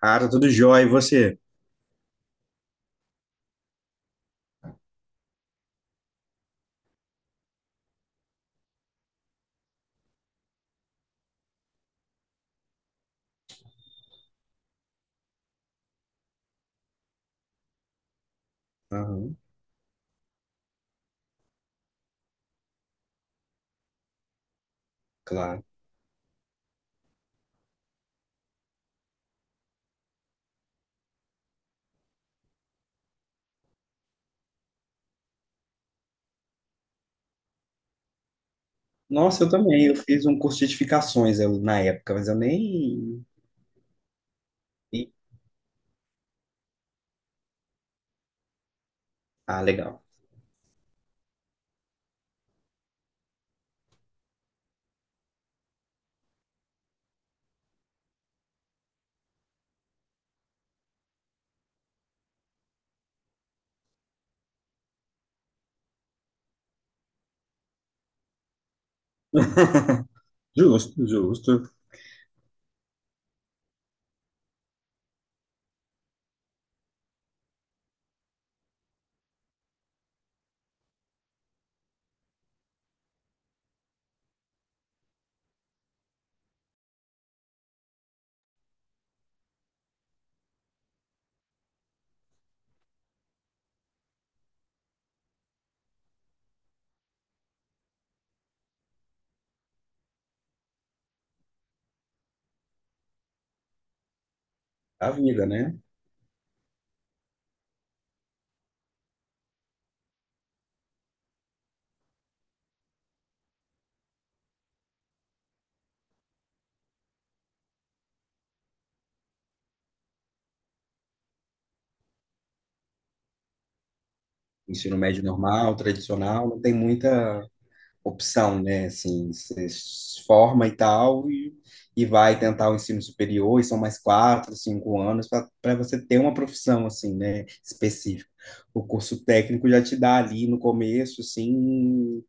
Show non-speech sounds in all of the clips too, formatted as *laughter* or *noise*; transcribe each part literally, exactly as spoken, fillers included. Ah, tá tudo jóia, e você? Aham, claro. Nossa, eu também. Eu fiz um curso de edificações eu- na época, mas eu nem. nem- Ah, legal. *laughs* Justo, justo. A vida, né? Ensino médio normal, tradicional, não tem muita opção, né? Assim, você se forma e tal, e, e vai tentar o ensino superior, e são mais quatro, cinco anos para você ter uma profissão, assim, né? Específica. O curso técnico já te dá ali no começo, assim.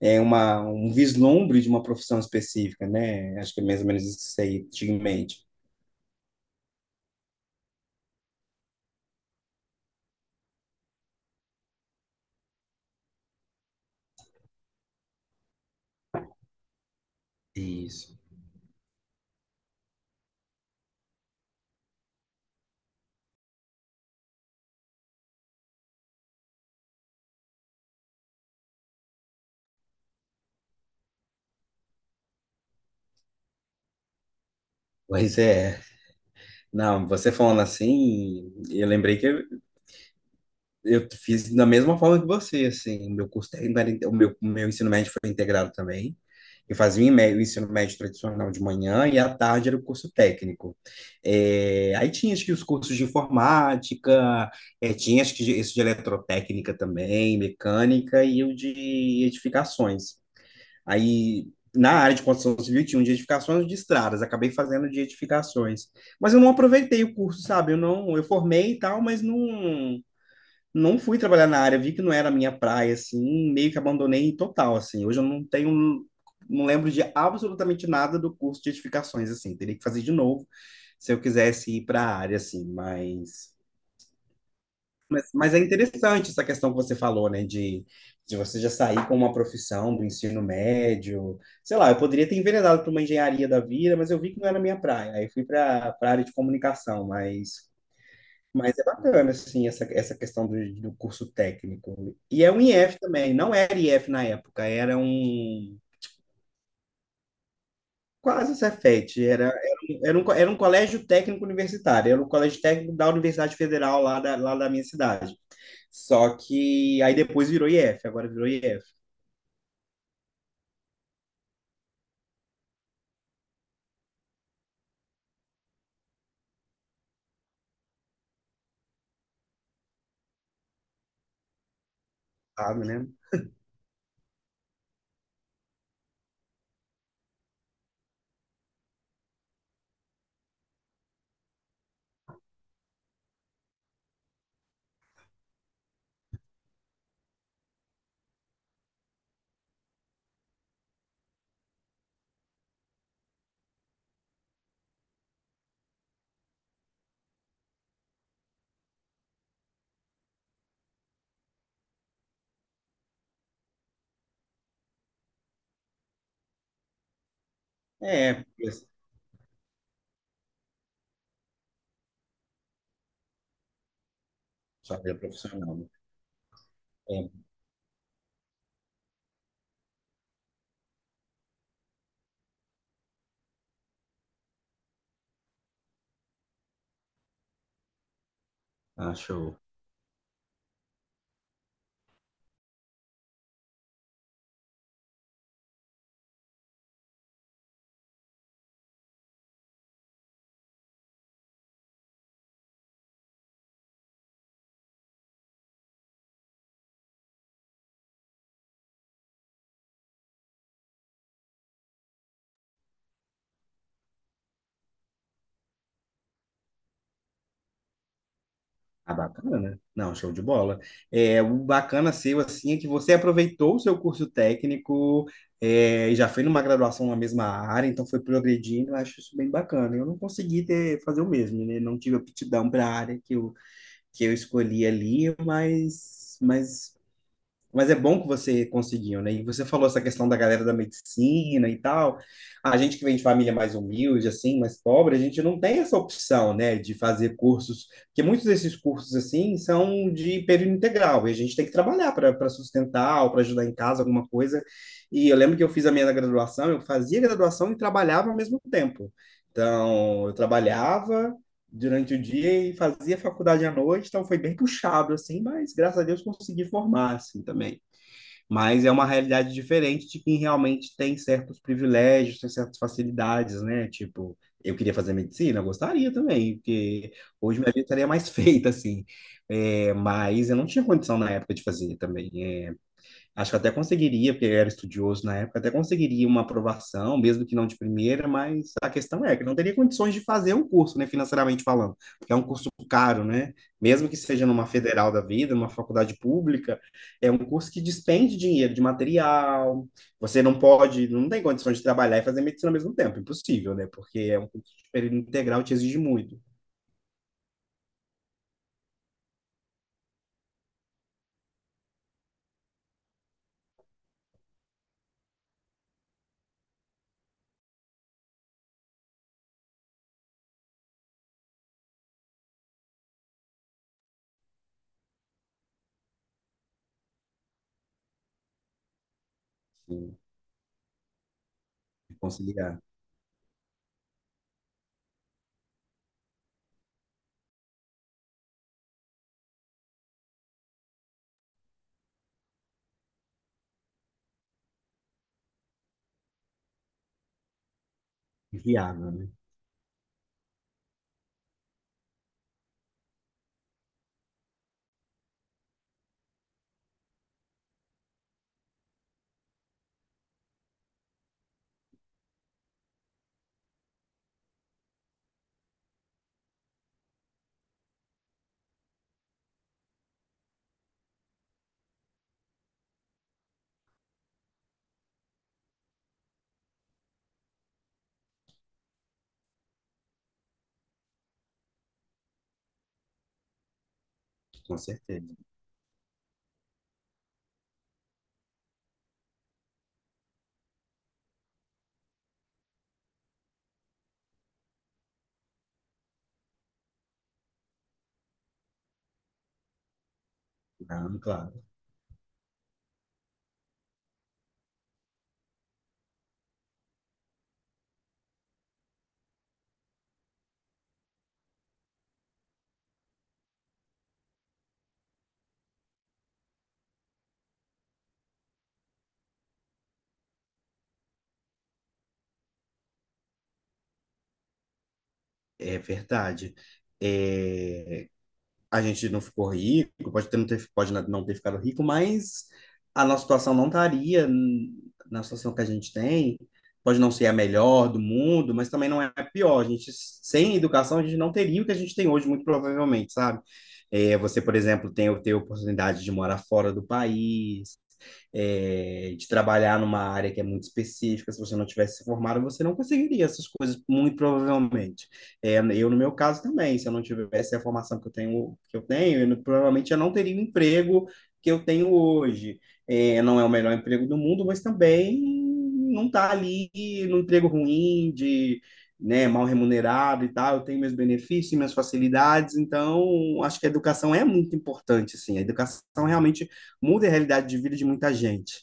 É uma, um vislumbre de uma profissão específica, né? Acho que é mais ou menos isso que você aí tinha em mente. Isso. Pois é. Não, você falando assim, eu lembrei que eu, eu fiz da mesma forma que você, assim, o meu curso técnico era, inte- o meu, meu ensino médio foi integrado também. Eu fazia o ime- o ensino médio tradicional de manhã e à tarde era o curso técnico. É, aí tinha acho que os cursos de informática, é, tinha acho que de- esse de eletrotécnica também, mecânica e o de edificações. Aí, na área de construção civil, tinha um de edificações de estradas, acabei fazendo de edificações. Mas eu não aproveitei o curso, sabe? Eu não, eu formei e tal, mas não não fui trabalhar na área, vi que não era a minha praia, assim, meio que abandonei total, assim. Hoje eu não tenho, não lembro de absolutamente nada do curso de edificações, assim. Teria que fazer de novo se eu quisesse ir para a área, assim, mas mas, mas é interessante essa questão que você falou, né? De, de você já sair com uma profissão do ensino médio. Sei lá, eu poderia ter enveredado para uma engenharia da vida, mas eu vi que não era a minha praia. Aí fui para a área de comunicação, mas, mas é bacana, assim, essa, essa questão do, do curso técnico. E é um I F também, não era I F na época, era um. Quase Cefet, era, era, um- era, um, co- era um colégio técnico universitário, era um colégio técnico da Universidade Federal lá da, lá da minha cidade. Só que aí depois virou I F, agora virou I F, sabe, né? É, porque só que ele é profissional, né? É, acho ah, bacana, né? Não, show de bola. É, o bacana seu, assim, é que você aproveitou o seu curso técnico é, e já foi numa graduação na mesma área, então foi progredindo, eu acho isso bem bacana. Eu não consegui ter, fazer o mesmo, né? Não tive aptidão para a área que eu, que eu escolhi ali, mas, mas Mas é bom que você conseguiu, né? E você falou essa questão da galera da medicina e tal. A gente que vem de família mais humilde, assim, mais pobre, a gente não tem essa opção, né, de fazer cursos, porque muitos desses cursos, assim, são de período integral, e a gente tem que trabalhar para para sustentar ou para ajudar em casa, alguma coisa. E eu lembro que eu fiz a minha graduação, eu fazia graduação e trabalhava ao mesmo tempo. Então, eu trabalhava durante o dia e fazia faculdade à noite, então foi bem puxado, assim, mas graças a Deus consegui formar, assim, também, mas é uma realidade diferente de quem realmente tem certos privilégios, tem certas facilidades, né? Tipo, eu queria fazer medicina, eu gostaria também, porque hoje minha vida estaria mais *laughs* feita, assim. É, mas eu não tinha condição na época de fazer também. É, acho que até conseguiria, porque eu era estudioso na época, até conseguiria uma aprovação, mesmo que não de primeira, mas a questão é que não teria condições de fazer o curso, né, financeiramente falando, porque é um curso caro, né? Mesmo que seja numa federal da vida, numa faculdade pública, é um curso que despende dinheiro de material. Você não pode, não tem condições de trabalhar e fazer medicina ao mesmo tempo, impossível, né? Porque é um curso de período integral, te exige muito. Sim, conciliar. Viável, né? Com certeza. Ah, claro. É verdade. É, a gente não ficou rico, pode ter, não ter, pode não ter ficado rico, mas a nossa situação não estaria hum, na situação que a gente tem. Pode não ser a melhor do mundo, mas também não é a pior. A gente, sem educação, a gente não teria o que a gente tem hoje, muito provavelmente, sabe? É, você, por exemplo, tem ter oportunidade de morar fora do país, é, de trabalhar numa área que é muito específica. Se você não tivesse se formado, você não conseguiria essas coisas, muito provavelmente. É, eu, no meu caso, também, se eu não tivesse a formação que eu tenho, que eu tenho eu, provavelmente eu não teria o emprego que eu tenho hoje. É, não é o melhor emprego do mundo, mas também não está ali no emprego ruim, de, né, mal remunerado e tal, eu tenho meus benefícios, minhas facilidades, então acho que a educação é muito importante, assim, a educação realmente muda a realidade de vida de muita gente.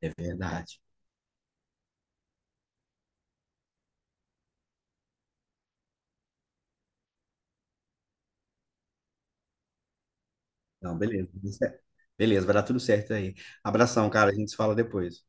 É verdade. Não, beleza, tudo certo. Beleza, vai dar tudo certo aí. Abração, cara. A gente se fala depois.